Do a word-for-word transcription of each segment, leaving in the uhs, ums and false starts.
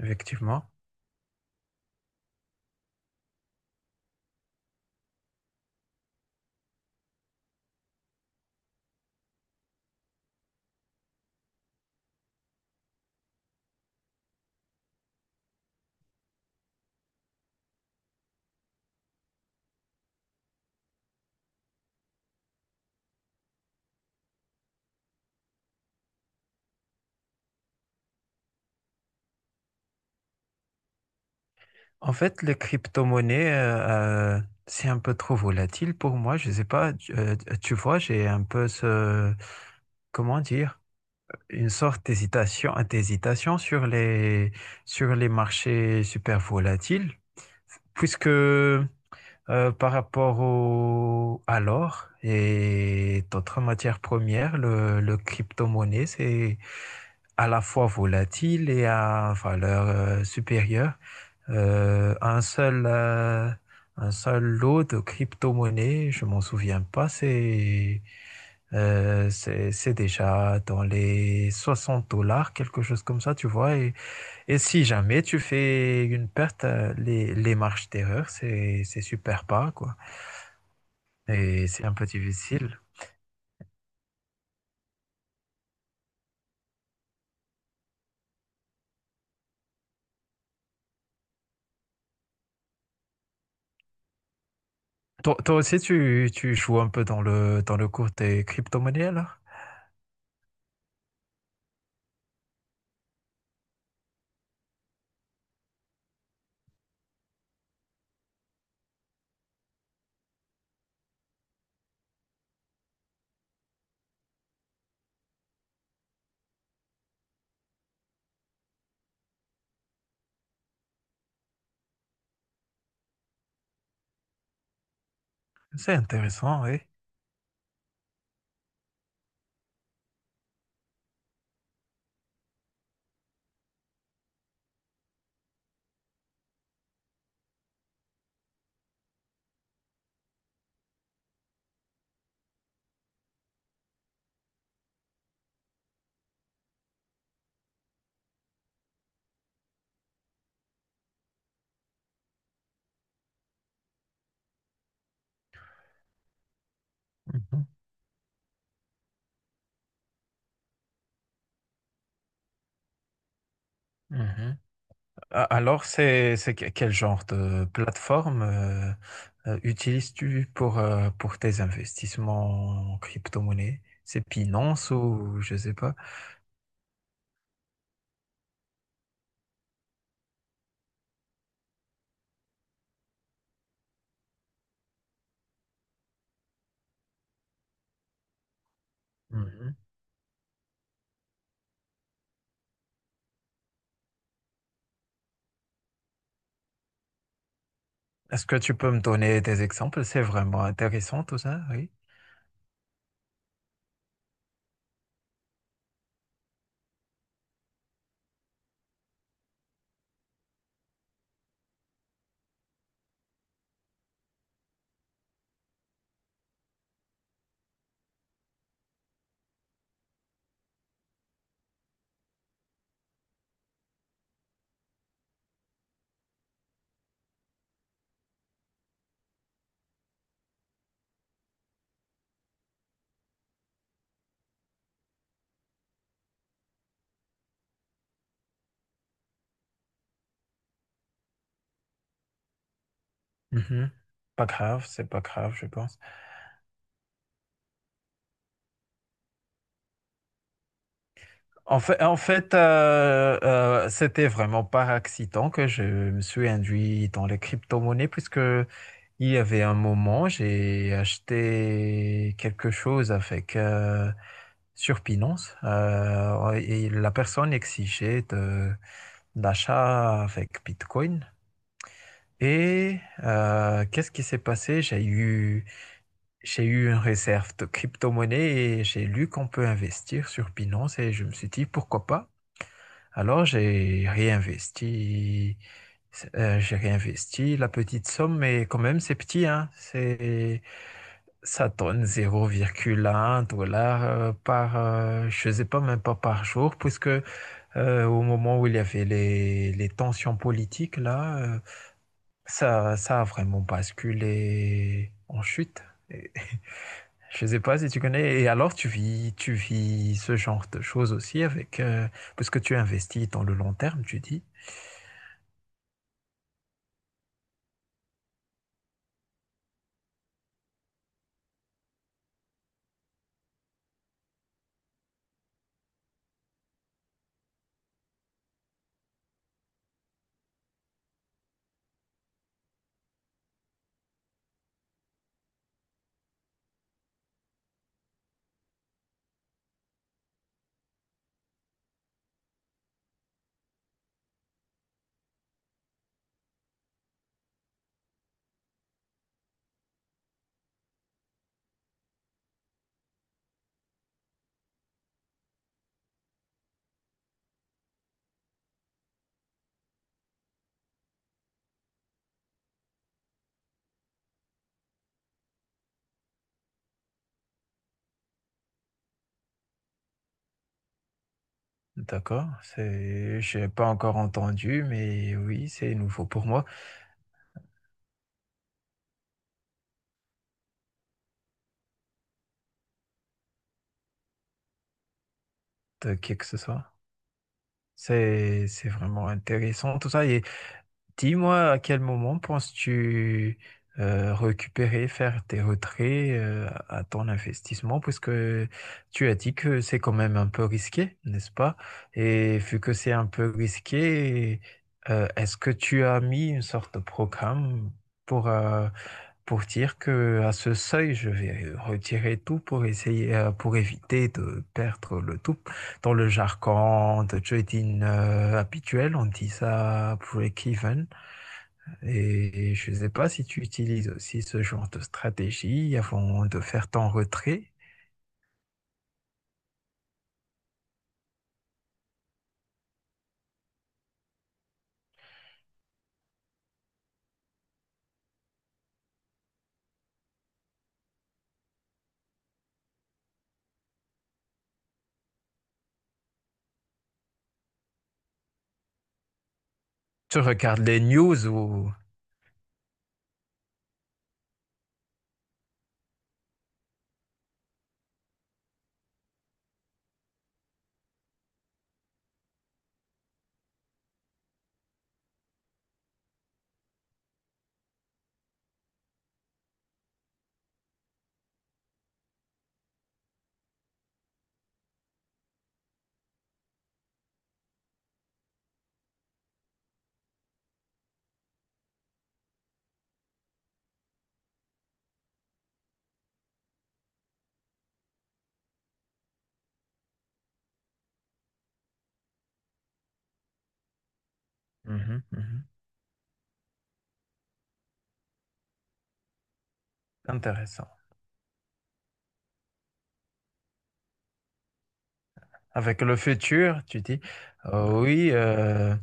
Effectivement. En fait, les crypto-monnaies, euh, euh, c'est un peu trop volatile pour moi. Je sais pas, tu euh, tu vois, j'ai un peu ce, comment dire, une sorte d'hésitation, d'hésitation sur les, sur les marchés super volatiles, puisque euh, par rapport au, à l'or et d'autres matières premières, le, le crypto-monnaie, c'est à la fois volatile et à valeur euh, supérieure. Euh, un seul, euh, un seul lot de crypto-monnaie, je m'en souviens pas, c'est euh, c'est c'est déjà dans les soixante dollars, quelque chose comme ça, tu vois. Et, et si jamais tu fais une perte, euh, les, les marges d'erreur, c'est c'est super pas, quoi. Et c'est un peu difficile. Toi, toi aussi, tu, tu joues un peu dans le, dans le cours des crypto-monnaies, là? C'est intéressant, oui. Mhm, mhm. A- Alors, c'est c'est que- quel genre de plateforme euh, euh, utilises-tu pour, euh, pour tes investissements en crypto-monnaie? C'est Binance ou je sais pas. Mhm. Est-ce que tu peux me donner des exemples? C'est vraiment intéressant tout ça, oui. Mhm. Pas grave, c'est pas grave, je pense. En fait, en fait euh, euh, c'était vraiment par accident que je me suis induit dans les crypto-monnaies puisque il y avait un moment, j'ai acheté quelque chose avec euh, sur Binance euh, et la personne exigeait de- d'achat avec Bitcoin. Et euh, qu'est-ce qui s'est passé? J'ai eu, j'ai eu une réserve de crypto-monnaie et j'ai lu qu'on peut investir sur Binance et je me suis dit pourquoi pas. Alors, j'ai réinvesti, euh, j'ai réinvesti la petite somme, mais quand même, c'est petit, hein. C'est, ça donne zéro virgule un dollar euh, par, euh, je sais pas, même pas par jour, puisque euh, au moment où il y avait les, les tensions politiques, là, euh, ça, ça a vraiment basculé en chute. Et- Je sais pas si tu connais. Et alors, tu vis, tu vis ce genre de choses aussi avec, euh, parce que tu investis dans le long terme, tu dis. D'accord, c'est, j'ai pas encore entendu, mais oui, c'est nouveau pour moi, de qui que ce soit. C'est, c'est vraiment intéressant tout ça. Et, dis-moi à quel moment penses-tu euh, récupérer, faire tes retraits euh, à ton investissement, puisque tu as dit que c'est quand même un peu risqué, n'est-ce pas? Et vu que c'est un peu risqué, euh, est-ce que tu as mis une sorte de programme pour, euh, pour dire que à ce seuil, je vais retirer tout pour essayer, euh, pour éviter de perdre le tout. Dans le jargon de trading euh, habituel, on dit ça break-even. Et je ne sais pas si tu utilises aussi ce genre de stratégie avant de faire ton retrait. Tu regardes les news ou... Mhm, mhm. Intéressant. Avec le futur, tu dis, euh, oui, euh,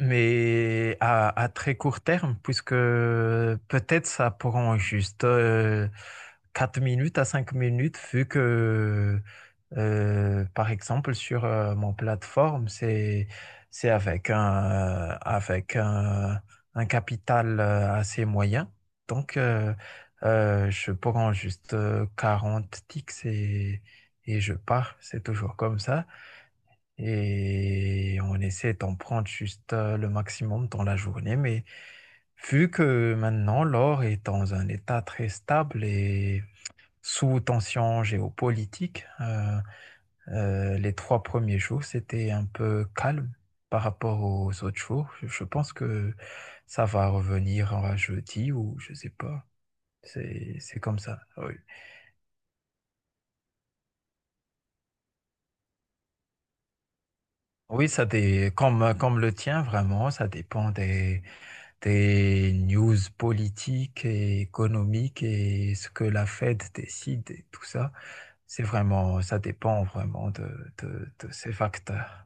mais à, à très court terme, puisque peut-être ça prend juste euh, quatre minutes à cinq minutes, vu que, euh, par exemple, sur euh, mon plateforme, c'est, c'est avec un, avec un, un capital euh, assez moyen. Donc, euh, euh, je prends juste euh, quarante ticks et, et je pars. C'est toujours comme ça et on essaie d'en prendre juste euh, le maximum dans la journée. Mais vu que maintenant l'or est dans un état très stable et sous tension géopolitique, euh, euh, les trois premiers jours, c'était un peu calme par rapport aux autres jours. Je je pense que ça va revenir à jeudi ou je sais pas. C'est, c'est comme ça. Oui. Oui, ça dé... comme, comme le tien, vraiment, ça dépend des, des news politiques et économiques et ce que la Fed décide et tout ça. C'est vraiment, ça dépend vraiment de, de, de ces facteurs.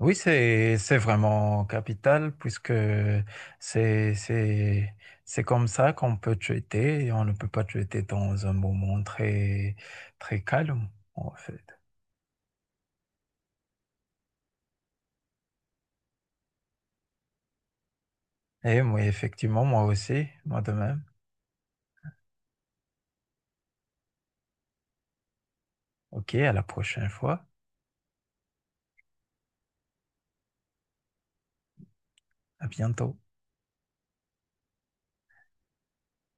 Oui, c'est, c'est vraiment capital puisque c'est, c'est, c'est comme ça qu'on peut traiter et on ne peut pas traiter dans un moment très, très calme, en fait. Et moi, effectivement, moi aussi, moi de même. Ok, à la prochaine fois. À bientôt.